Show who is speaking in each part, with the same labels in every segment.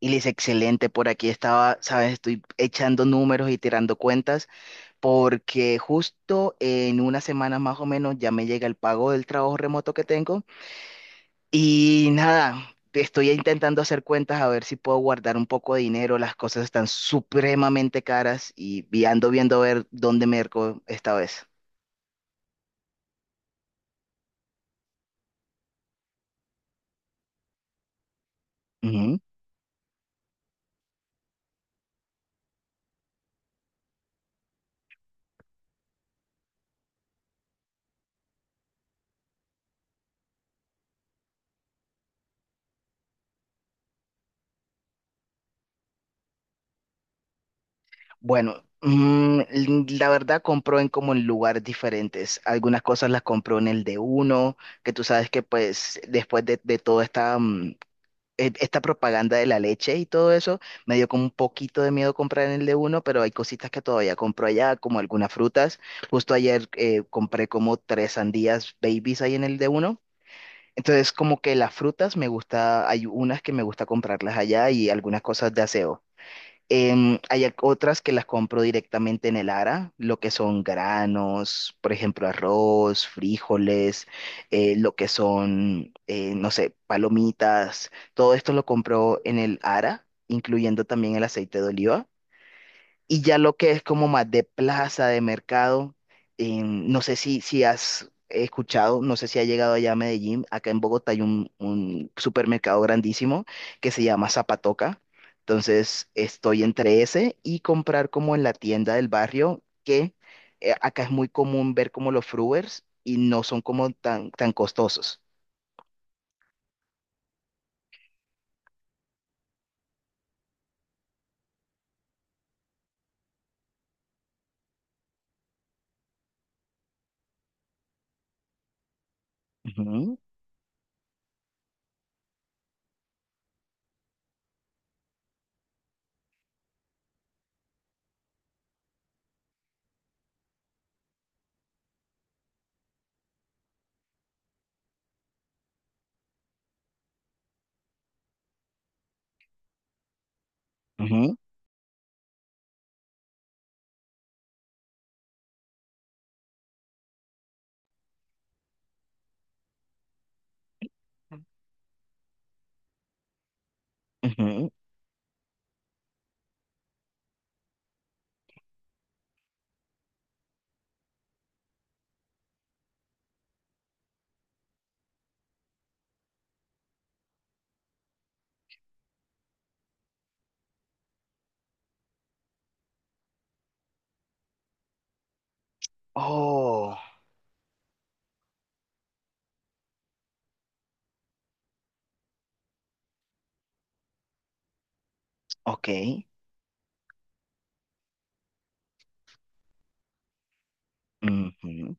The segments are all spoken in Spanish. Speaker 1: Y le dice, excelente, por aquí estaba, sabes, estoy echando números y tirando cuentas porque justo en una semana más o menos ya me llega el pago del trabajo remoto que tengo y nada, estoy intentando hacer cuentas a ver si puedo guardar un poco de dinero, las cosas están supremamente caras y ando viendo a ver dónde me merco esta vez. Bueno, la verdad compró en como en lugares diferentes. Algunas cosas las compró en el de uno, que tú sabes que pues después de toda esta, esta propaganda de la leche y todo eso, me dio como un poquito de miedo comprar en el de uno, pero hay cositas que todavía compro allá, como algunas frutas. Justo ayer compré como tres sandías babies ahí en el de uno. Entonces como que las frutas me gusta, hay unas que me gusta comprarlas allá y algunas cosas de aseo. Hay otras que las compro directamente en el ARA, lo que son granos, por ejemplo, arroz, frijoles, lo que son, no sé, palomitas. Todo esto lo compro en el ARA, incluyendo también el aceite de oliva. Y ya lo que es como más de plaza, de mercado, no sé si has escuchado, no sé si ha llegado allá a Medellín, acá en Bogotá hay un supermercado grandísimo que se llama Zapatoca. Entonces estoy entre ese y comprar como en la tienda del barrio, que acá es muy común ver como los fruers y no son como tan, tan costosos. Ujú, ujú, ujú. Oh, ok. Ujú.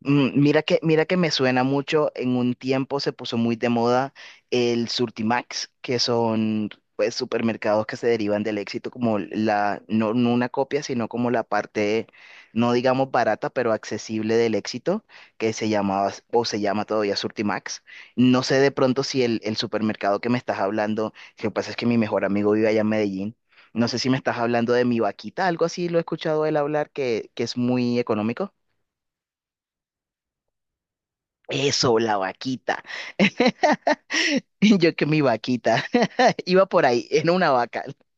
Speaker 1: Mm, mira que, mira que me suena mucho, en un tiempo se puso muy de moda el Surtimax, que son pues supermercados que se derivan del éxito como la, no, no una copia, sino como la parte, no digamos barata, pero accesible del éxito, que se llamaba o se llama todavía Surtimax. No sé de pronto si el supermercado que me estás hablando, lo que pasa es que mi mejor amigo vive allá en Medellín. No sé si me estás hablando de mi vaquita, algo así lo he escuchado él hablar que es muy económico. Eso, la vaquita. Yo que mi vaquita. Iba por ahí, en una vaca.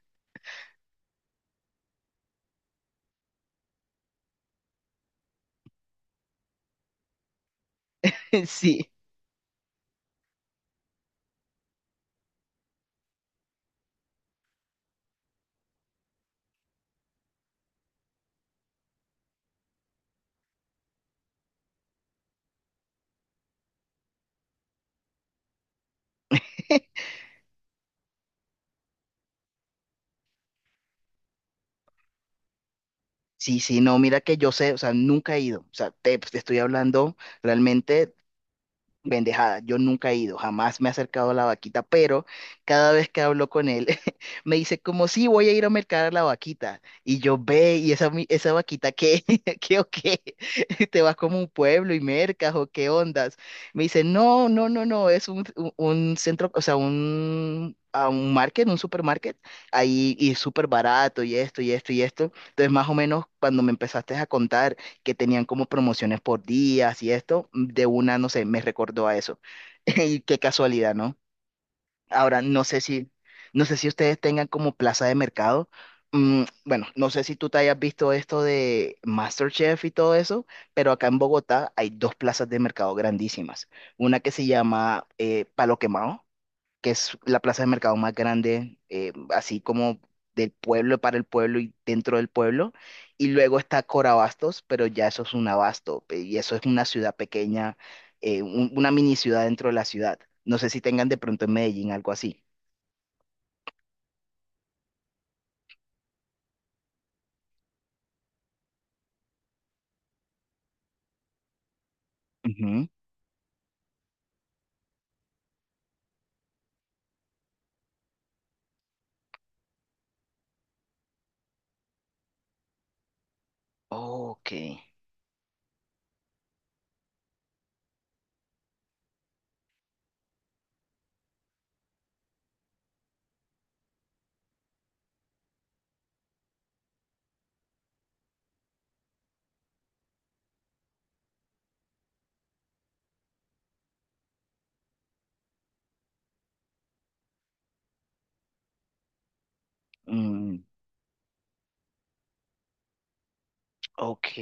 Speaker 1: Sí, sí, sí, no, mira que yo sé, o sea, nunca he ido. O sea, te, pues, te estoy hablando realmente bendejada, yo nunca he ido, jamás me he acercado a la vaquita, pero cada vez que hablo con él me dice como sí, voy a ir a mercar a la vaquita. Y yo ve, y esa, esa vaquita, ¿qué? ¿Qué o qué? ¿Te vas como un pueblo y mercas o qué ondas? Me dice, no, no, no, no, es un, un centro, o sea, un, a un market, un supermarket, ahí y es súper barato y esto y esto y esto. Entonces, más o menos cuando me empezaste a contar que tenían como promociones por días y esto, de una, no sé, me recordó a eso. Y qué casualidad, ¿no? Ahora, no sé si. No sé si ustedes tengan como plaza de mercado. Mm, bueno, no sé si tú te hayas visto esto de MasterChef y todo eso, pero acá en Bogotá hay dos plazas de mercado grandísimas. Una que se llama Palo Quemado, que es la plaza de mercado más grande, así como del pueblo para el pueblo y dentro del pueblo. Y luego está Corabastos, pero ya eso es un abasto, y eso es una ciudad pequeña, una mini ciudad dentro de la ciudad. No sé si tengan de pronto en Medellín algo así. Ujú. Ok. Mm, ok.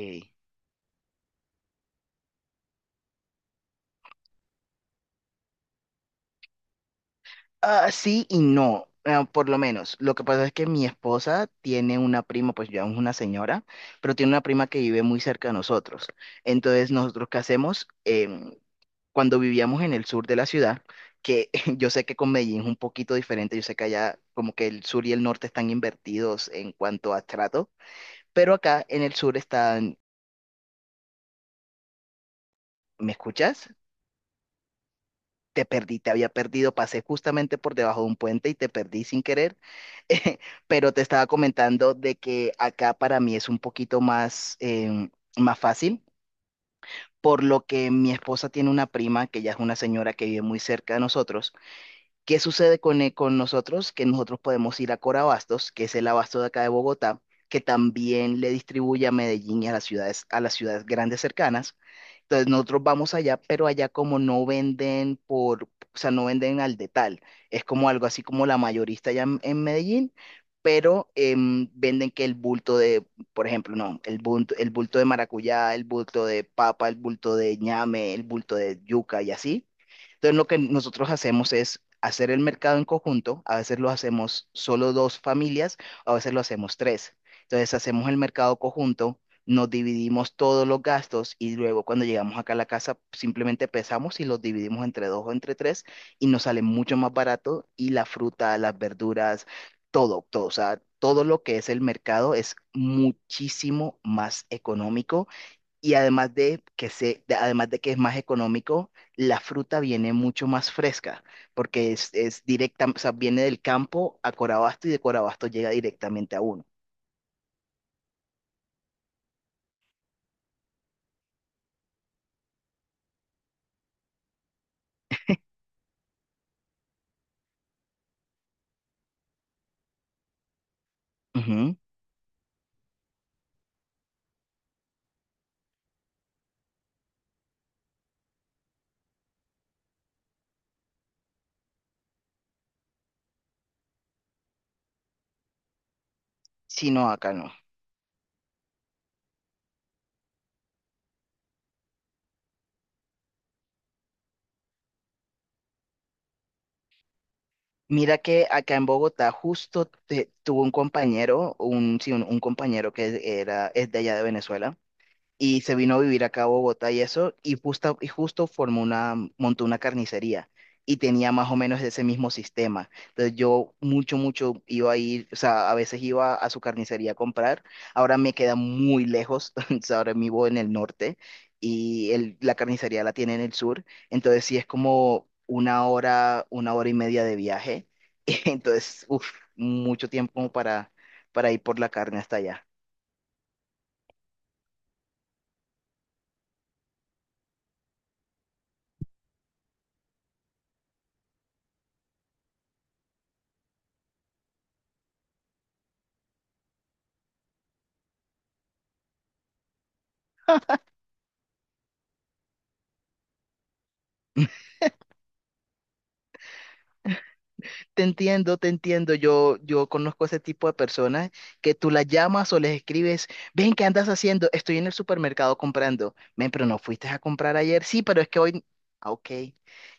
Speaker 1: Ah, sí y no, ah, por lo menos. Lo que pasa es que mi esposa tiene una prima, pues ya es una señora, pero tiene una prima que vive muy cerca de nosotros. Entonces, nosotros qué hacemos. Em, Cuando vivíamos en el sur de la ciudad, que yo sé que con Medellín es un poquito diferente, yo sé que allá como que el sur y el norte están invertidos en cuanto a trato, pero acá en el sur están, ¿me escuchas? Te perdí, te había perdido, pasé justamente por debajo de un puente y te perdí sin querer, eh, pero te estaba comentando de que acá para mí es un poquito más, más fácil, por lo que mi esposa tiene una prima, que ya es una señora que vive muy cerca de nosotros. ¿Qué sucede con nosotros? Que nosotros podemos ir a Corabastos, que es el abasto de acá de Bogotá, que también le distribuye a Medellín y a las ciudades grandes cercanas. Entonces nosotros vamos allá, pero allá como no venden o sea, no venden al detal. Es como algo así como la mayorista allá en Medellín, pero venden que el bulto de, por ejemplo, no, el bulto de maracuyá, el bulto de papa, el bulto de ñame, el bulto de yuca y así. Entonces, lo que nosotros hacemos es hacer el mercado en conjunto, a veces lo hacemos solo dos familias, a veces lo hacemos tres. Entonces, hacemos el mercado conjunto, nos dividimos todos los gastos y luego cuando llegamos acá a la casa simplemente pesamos y los dividimos entre dos o entre tres y nos sale mucho más barato y la fruta, las verduras, todo, todo, o sea, todo lo que es el mercado es muchísimo más económico y además de que se, además de que es más económico, la fruta viene mucho más fresca, porque es directa, o sea, viene del campo a Corabasto y de Corabasto llega directamente a uno. Ujú. Sí, no, acá no. Mira que acá en Bogotá justo tuvo un compañero, un, sí, un compañero que era, es de allá de Venezuela, y se vino a vivir acá a Bogotá y eso, y justo formó una, montó una carnicería y tenía más o menos ese mismo sistema. Entonces yo mucho, mucho iba a ir, o sea, a veces iba a su carnicería a comprar, ahora me queda muy lejos, o sea, ahora vivo en el norte y la carnicería la tiene en el sur, entonces sí es como una hora y media de viaje, entonces, uff, mucho tiempo como para ir por la carne hasta allá. Te entiendo, te entiendo. Yo conozco ese tipo de personas que tú las llamas o les escribes, ven, ¿qué andas haciendo? Estoy en el supermercado comprando. Ven, pero no fuiste a comprar ayer. Sí, pero es que hoy. Ah, ok.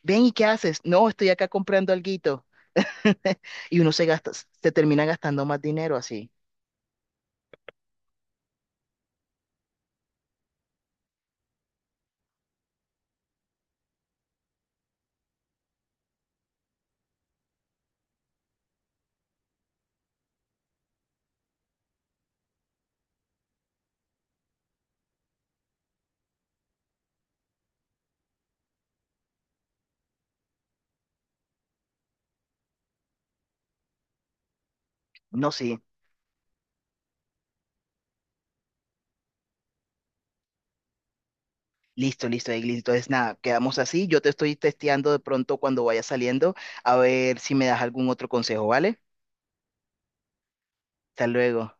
Speaker 1: Ven, ¿y qué haces? No, estoy acá comprando alguito. Y uno se gasta, se termina gastando más dinero así. No, sí. Listo, listo, Eglis. Entonces, nada, quedamos así. Yo te estoy testeando de pronto cuando vaya saliendo, a ver si me das algún otro consejo, ¿vale? Hasta luego.